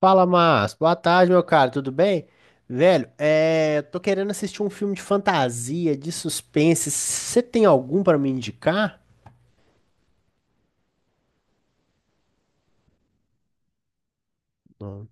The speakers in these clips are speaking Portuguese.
Fala, Márcio. Boa tarde, meu cara. Tudo bem? Velho, tô querendo assistir um filme de fantasia, de suspense. Você tem algum pra me indicar? Não.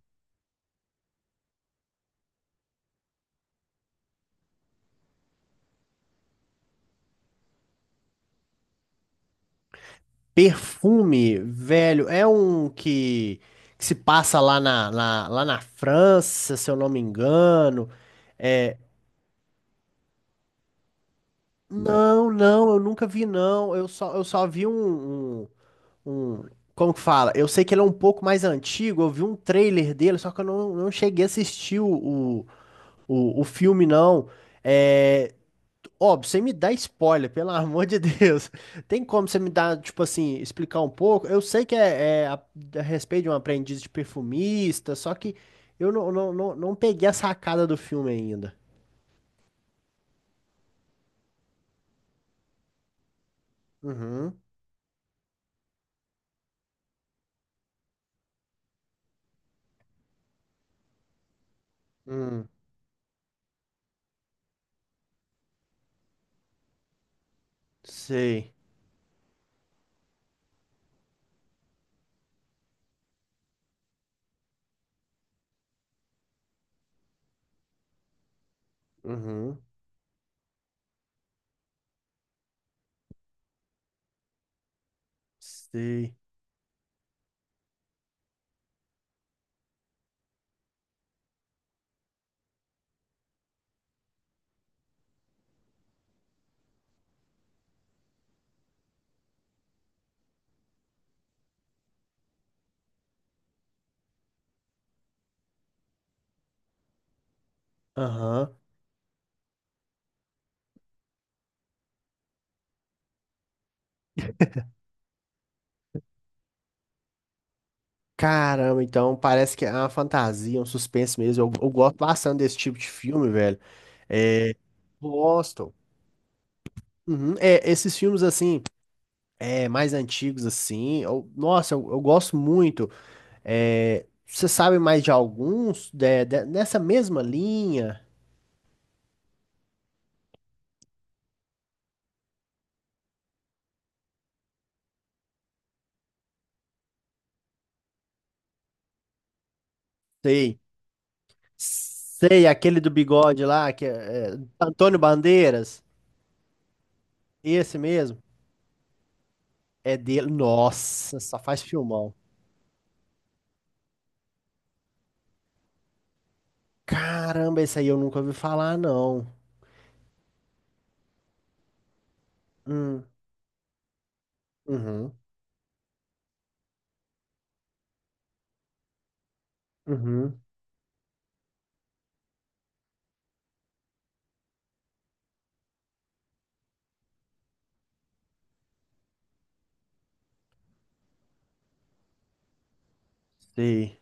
Perfume, velho, é um que se passa lá lá na França, se eu não me engano. É... Não, não, eu nunca vi, não. Eu só vi um- Como que fala? Eu sei que ele é um pouco mais antigo. Eu vi um trailer dele, só que eu não cheguei a assistir o filme não. É, óbvio, sem me dar spoiler, pelo amor de Deus. Tem como você me dar, tipo assim, explicar um pouco? Eu sei que é a respeito de um aprendiz de perfumista, só que eu não peguei a sacada do filme ainda. Uhum. Hum, sei. Uhum. Sei. Aham. Caramba, então parece que é uma fantasia, um suspense mesmo. Eu gosto bastante desse tipo de filme, velho. É, gosto. Uhum. É, esses filmes assim. É, mais antigos assim. Eu- nossa, eu gosto muito. É, você sabe mais de alguns nessa mesma linha? Sei. Sei, aquele do bigode lá, que é, é, Antônio Bandeiras. Esse mesmo. É dele. Nossa, só faz filmão. Caramba, esse aí eu nunca ouvi falar, não. Hum, uhum, uhum, sei.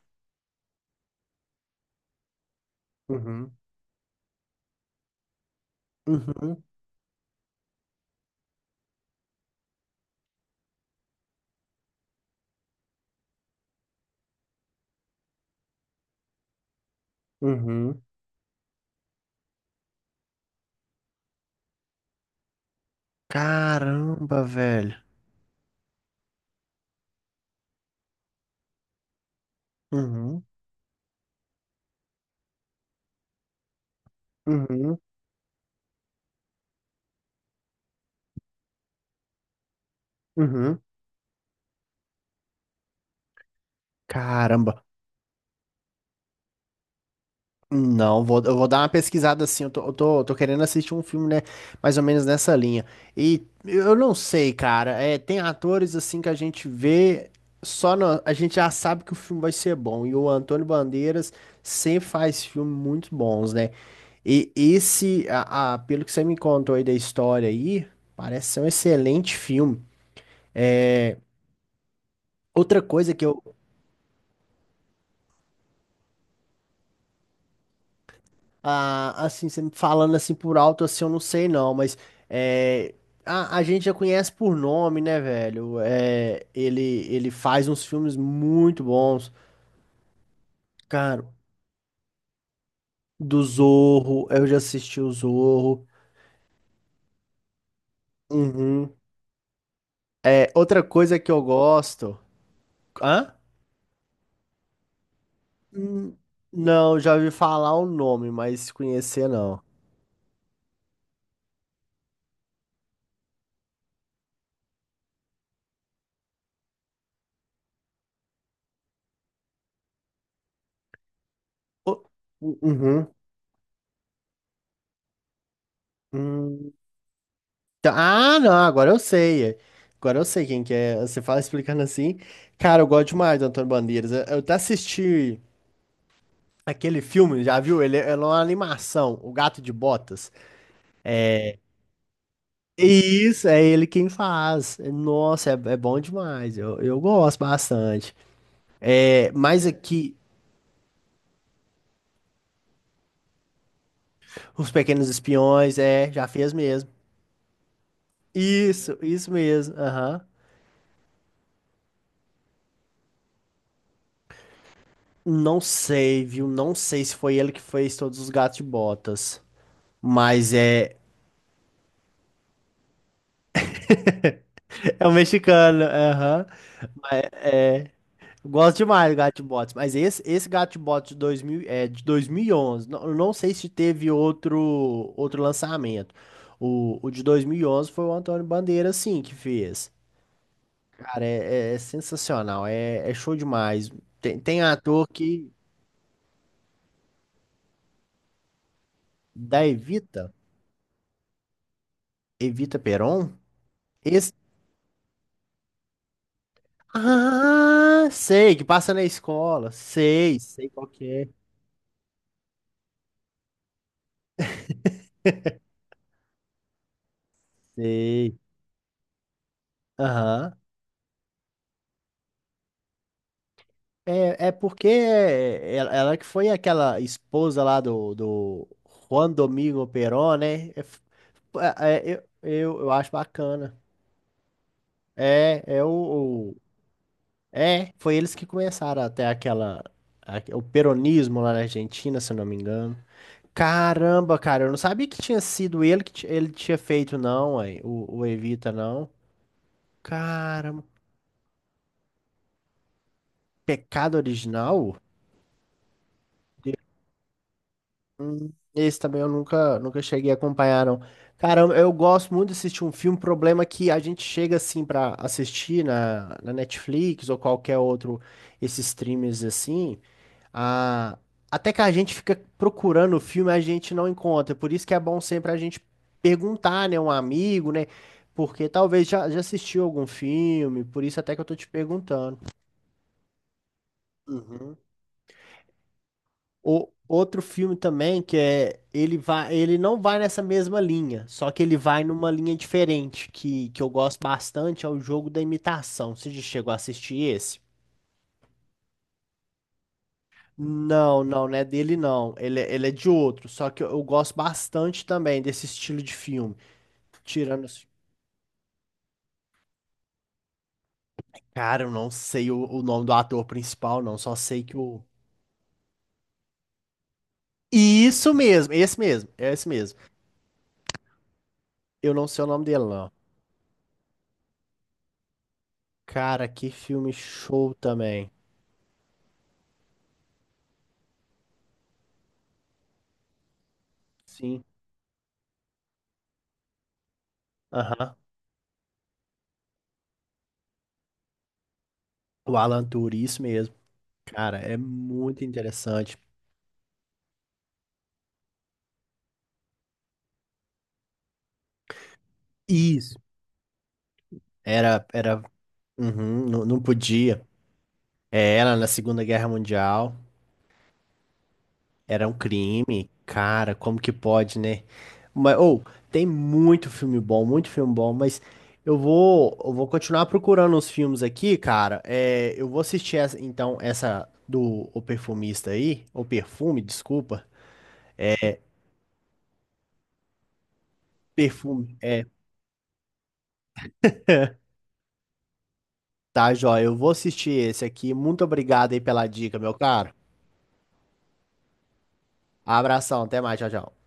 Uhum, uhum, uhum. Caramba, velho. Uhum, uhum, uhum. Caramba. Não, vou, eu vou dar uma pesquisada assim. Eu tô querendo assistir um filme, né? Mais ou menos nessa linha. E eu não sei, cara. É, tem atores assim que a gente vê, só na- a gente já sabe que o filme vai ser bom. E o Antônio Bandeiras sempre faz filmes muito bons, né? E esse, pelo que você me contou aí da história aí, parece ser um excelente filme. Outra coisa que eu, Ah, assim, você me falando assim por alto, assim, eu não sei não, mas é, a gente já conhece por nome, né, velho? É, ele faz uns filmes muito bons. Cara, do Zorro, eu já assisti o Zorro. Uhum. É, outra coisa que eu gosto. Hã? Hum, Não, já ouvi falar o nome, mas conhecer não. O- Uhum. Hum. Tá- Ah, não, agora eu sei. Agora eu sei quem que é. Você fala explicando assim. Cara, eu gosto demais do Antônio Bandeiras. Eu até assisti aquele filme, já viu? Ele, ele é uma animação, O Gato de Botas. É, isso, é ele quem faz. Nossa, é, é bom demais. Eu gosto bastante. É, mas aqui, Os Pequenos Espiões, é, já fez mesmo. Isso mesmo. Aham. Não sei, viu? Não sei se foi ele que fez todos os Gatos de Botas. Mas é. É um mexicano, aham. Gosto demais do Gato de Botas, mas esse Gato de Botas de 2000, é, de 2011, não, eu não sei se teve outro, outro lançamento. O de 2011 foi o Antônio Bandeira, sim, que fez. Cara, é sensacional, é show demais. Tem ator que, da Evita, Evita Peron, esse... Ah, sei, que passa na escola, sei, sei qual que é, sei. Aham. É, é porque é, ela que foi aquela esposa lá do Juan Domingo Perón, né? É- é- eu, eu acho bacana. É, é o, o- É, foi eles que começaram até aquela o peronismo lá na Argentina, se eu não me engano. Caramba, cara, eu não sabia que tinha sido ele que ele tinha feito, não, ué, o Evita, não. Caramba, pecado original? Esse também eu nunca cheguei a acompanhar, não. Cara, eu gosto muito de assistir um filme. Problema é que a gente chega assim pra assistir na Netflix ou qualquer outro, esses streams assim. A... Até que a gente fica procurando o filme, a gente não encontra. Por isso que é bom sempre a gente perguntar, né, um amigo, né? Porque talvez já assistiu algum filme, por isso até que eu tô te perguntando. Uhum. O outro filme também que é ele vai, ele não vai nessa mesma linha, só que ele vai numa linha diferente que eu gosto bastante, é o Jogo da Imitação. Você já chegou a assistir esse? Não, não, não é dele não. Ele é de outro, só que eu gosto bastante também desse estilo de filme. Tirando os... Cara, eu não sei o nome do ator principal, não, só sei que o Isso mesmo, esse mesmo, é esse mesmo. Eu não sei o nome dele não. Cara, que filme show também. Sim. Aham. O Alan Turing, isso mesmo. Cara, é muito interessante. Isso. Era, era, uhum, não podia. É, era na Segunda Guerra Mundial. Era um crime. Cara, como que pode, né? Mas, ou, tem muito filme bom, mas eu vou continuar procurando os filmes aqui, cara. É, eu vou assistir, essa, então, essa do O Perfumista aí, O Perfume, desculpa. Perfume. É, tá, joia. Eu vou assistir esse aqui. Muito obrigado aí pela dica, meu caro. Abração, até mais, tchau, tchau.